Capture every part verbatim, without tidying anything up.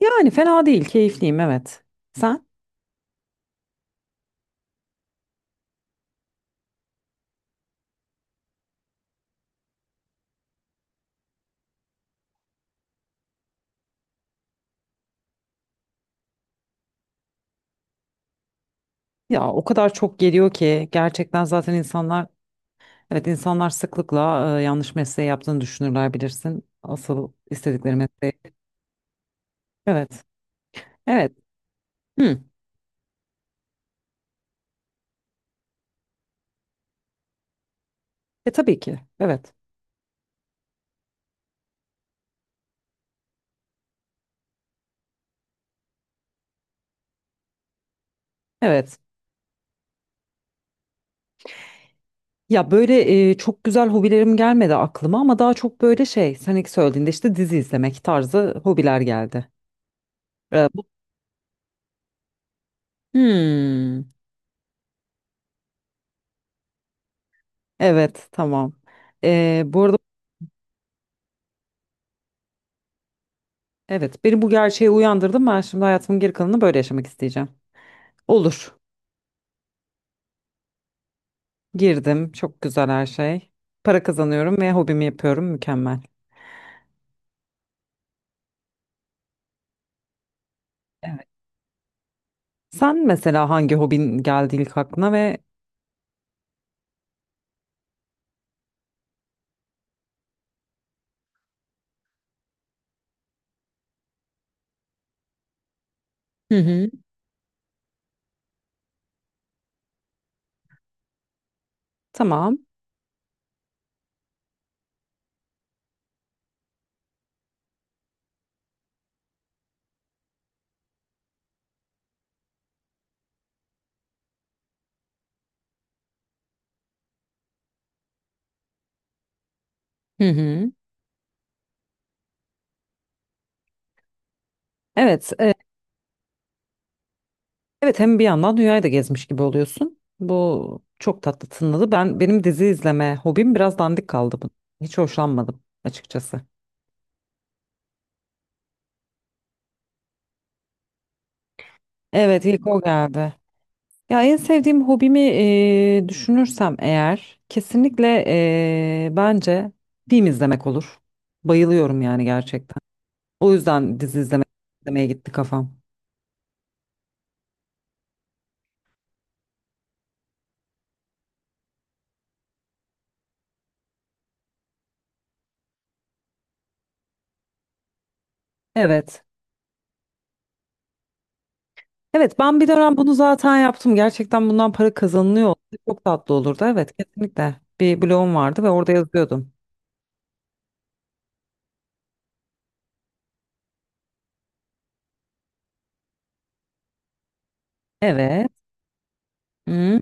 Yani fena değil, keyifliyim, evet. Sen? Ya o kadar çok geliyor ki gerçekten. Zaten insanlar, evet, insanlar sıklıkla e, yanlış mesleği yaptığını düşünürler, bilirsin. Asıl istedikleri mesleği. Evet. Evet. Hı. E tabii ki. Evet. Evet. Ya böyle e, çok güzel hobilerim gelmedi aklıma ama daha çok böyle şey, sen ilk söylediğinde işte dizi izlemek tarzı hobiler geldi. E, bu- Hmm. Evet, tamam. E, bu arada, evet, beni bu gerçeğe uyandırdım. Ben şimdi hayatımın geri kalanını böyle yaşamak isteyeceğim. Olur. Girdim. Çok güzel her şey. Para kazanıyorum ve hobimi yapıyorum. Mükemmel. Evet. Sen mesela hangi hobin geldi ilk aklına ve... Hı hı. Tamam. Hı hı. Evet, e, evet, hem bir yandan dünyayı da gezmiş gibi oluyorsun. Bu çok tatlı tınladı. Ben benim dizi izleme hobim biraz dandik kaldı bu. Hiç hoşlanmadım açıkçası. Evet, ilk o geldi. Ya en sevdiğim hobimi eee, düşünürsem eğer kesinlikle eee, bence film izlemek olur. Bayılıyorum yani gerçekten. O yüzden dizi izleme, izlemeye gitti kafam. Evet. Evet, ben bir dönem bunu zaten yaptım. Gerçekten bundan para kazanılıyor olsa çok tatlı olurdu. Evet, kesinlikle. Bir blogum vardı ve orada yazıyordum. Evet. Hı,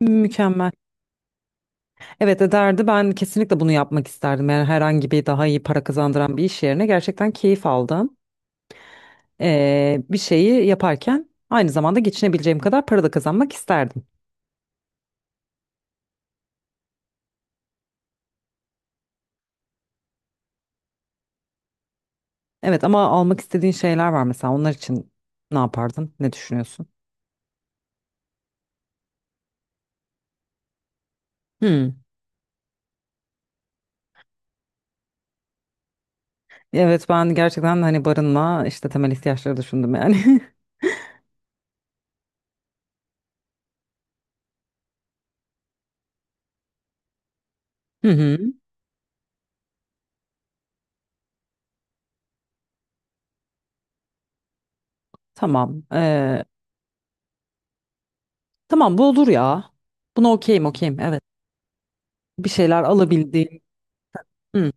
mükemmel. Evet, ederdi. Ben kesinlikle bunu yapmak isterdim. Yani herhangi bir daha iyi para kazandıran bir iş yerine gerçekten keyif aldım. Ee, bir şeyi yaparken aynı zamanda geçinebileceğim kadar para da kazanmak isterdim. Evet ama almak istediğin şeyler var mesela, onlar için ne yapardın? Ne düşünüyorsun? Hmm. Evet, ben gerçekten hani barınma, işte temel ihtiyaçları düşündüm yani. Hı hı. Tamam. Ee, tamam, bu olur ya. Buna okeyim, okeyim, evet. Bir şeyler alabildiğim. Hı.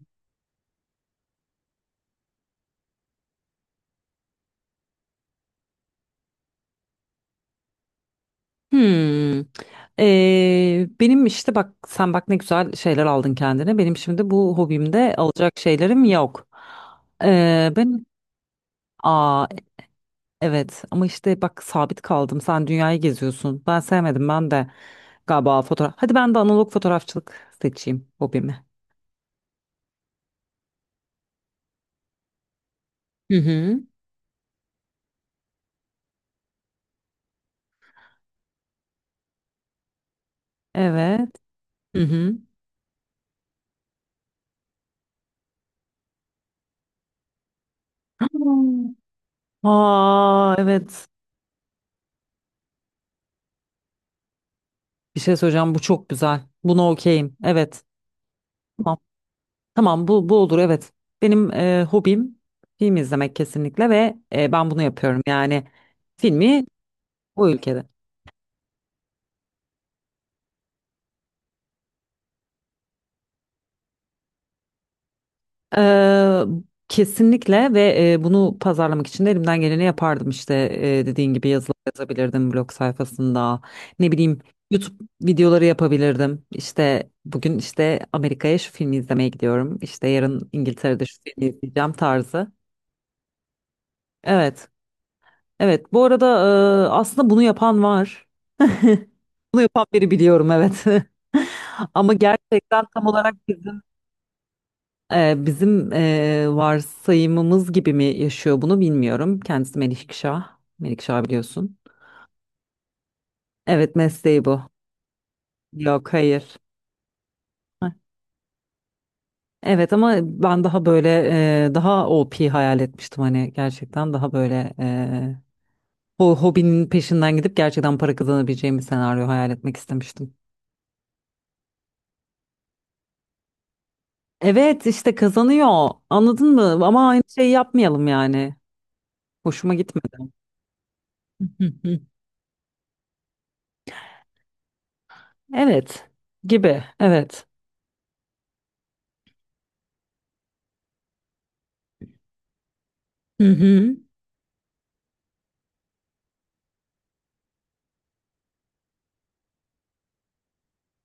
Hmm. Ee, benim, işte bak, sen bak ne güzel şeyler aldın kendine. Benim şimdi bu hobimde alacak şeylerim yok. Ee, ben aa, evet ama işte bak, sabit kaldım. Sen dünyayı geziyorsun. Ben sevmedim, ben de galiba fotoğraf. Hadi ben de analog fotoğrafçılık seçeyim hobimi. Hı hı. Evet. Hı hı. Hmm. Aa evet. Bir şey söyleyeceğim, bu çok güzel. Buna okeyim. Evet. Tamam, bu bu olur, evet. Benim e, hobim film izlemek kesinlikle ve e, ben bunu yapıyorum. Yani filmi bu ülkede. Ee, Kesinlikle ve e, bunu pazarlamak için de elimden geleni yapardım işte, e, dediğin gibi yazılar yazabilirdim blog sayfasında, ne bileyim, YouTube videoları yapabilirdim. İşte bugün işte Amerika'ya şu filmi izlemeye gidiyorum, işte yarın İngiltere'de şu filmi izleyeceğim tarzı. Evet, evet, bu arada e, aslında bunu yapan var. Bunu yapan biri biliyorum, evet. Ama gerçekten tam olarak bizim e, bizim e, varsayımımız gibi mi yaşıyor bunu bilmiyorum. Kendisi Melikşah. Melikşah biliyorsun. Evet, mesleği bu. Yok, hayır. Heh. Evet ama ben daha böyle e, daha O P hayal etmiştim hani gerçekten, daha böyle e, o hobinin peşinden gidip gerçekten para kazanabileceğim bir senaryo hayal etmek istemiştim. Evet, işte kazanıyor, anladın mı? Ama aynı şeyi yapmayalım yani. Hoşuma gitmedi. Hı hı. Evet, gibi, evet. Hı hı.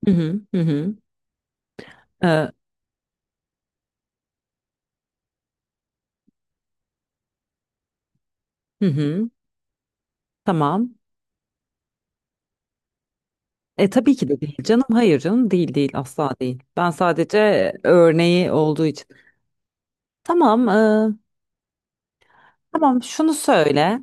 Hı hı. Hı hı. Ee, hı hı. Tamam. E tabii ki de değil canım. Hayır canım, değil değil, asla değil. Ben sadece örneği olduğu için. Tamam. e, tamam şunu söyle.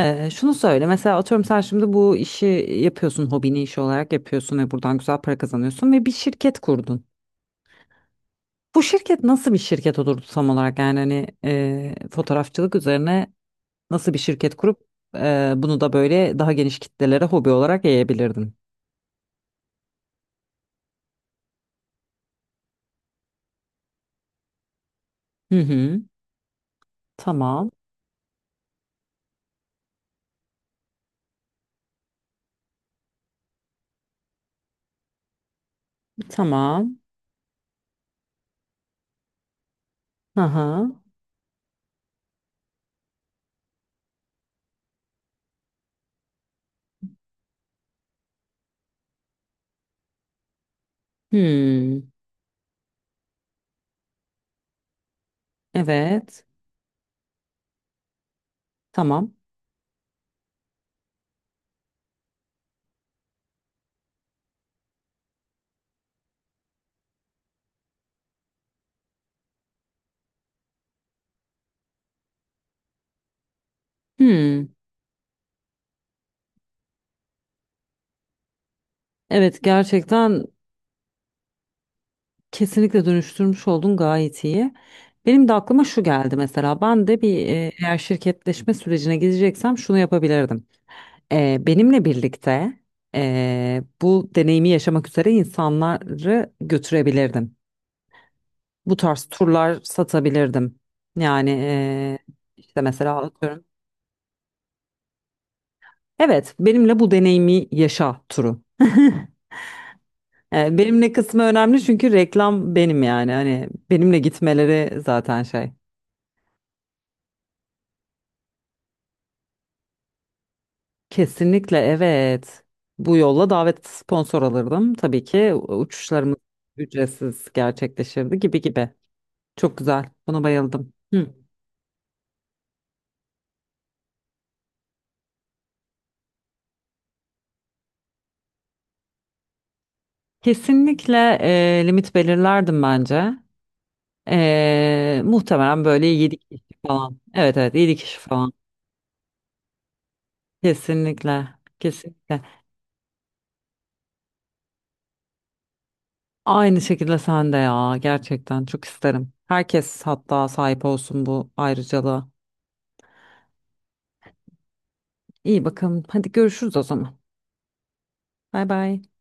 E, şunu söyle. Mesela atıyorum sen şimdi bu işi yapıyorsun. Hobini iş olarak yapıyorsun ve buradan güzel para kazanıyorsun ve bir şirket kurdun. Bu şirket nasıl bir şirket olurdu tam olarak, yani hani e, fotoğrafçılık üzerine. Nasıl bir şirket kurup e, bunu da böyle daha geniş kitlelere hobi olarak yayabilirdin. Hı hı. Tamam. Tamam. Aha. Hmm. Evet. Tamam. Hmm. Evet, gerçekten kesinlikle dönüştürmüş oldun, gayet iyi. Benim de aklıma şu geldi mesela. Ben de bir, e, eğer şirketleşme sürecine gideceksem şunu yapabilirdim. E, benimle birlikte e, bu deneyimi yaşamak üzere insanları götürebilirdim. Bu tarz turlar satabilirdim. Yani eee, işte mesela atıyorum. Evet, benimle bu deneyimi yaşa turu. E, benimle kısmı önemli çünkü reklam benim yani. Hani benimle gitmeleri zaten şey. Kesinlikle, evet. Bu yolla davet, sponsor alırdım. Tabii ki uçuşlarımız ücretsiz gerçekleşirdi, gibi gibi. Çok güzel. Buna bayıldım. Hı. Kesinlikle e, limit belirlerdim bence. Ee, muhtemelen böyle yedi kişi falan. Evet, evet, yedi kişi falan. Kesinlikle. Kesinlikle. Aynı şekilde sen de ya. Gerçekten çok isterim. Herkes hatta sahip olsun bu ayrıcalığa. İyi bakalım. Hadi görüşürüz o zaman. Bay bay.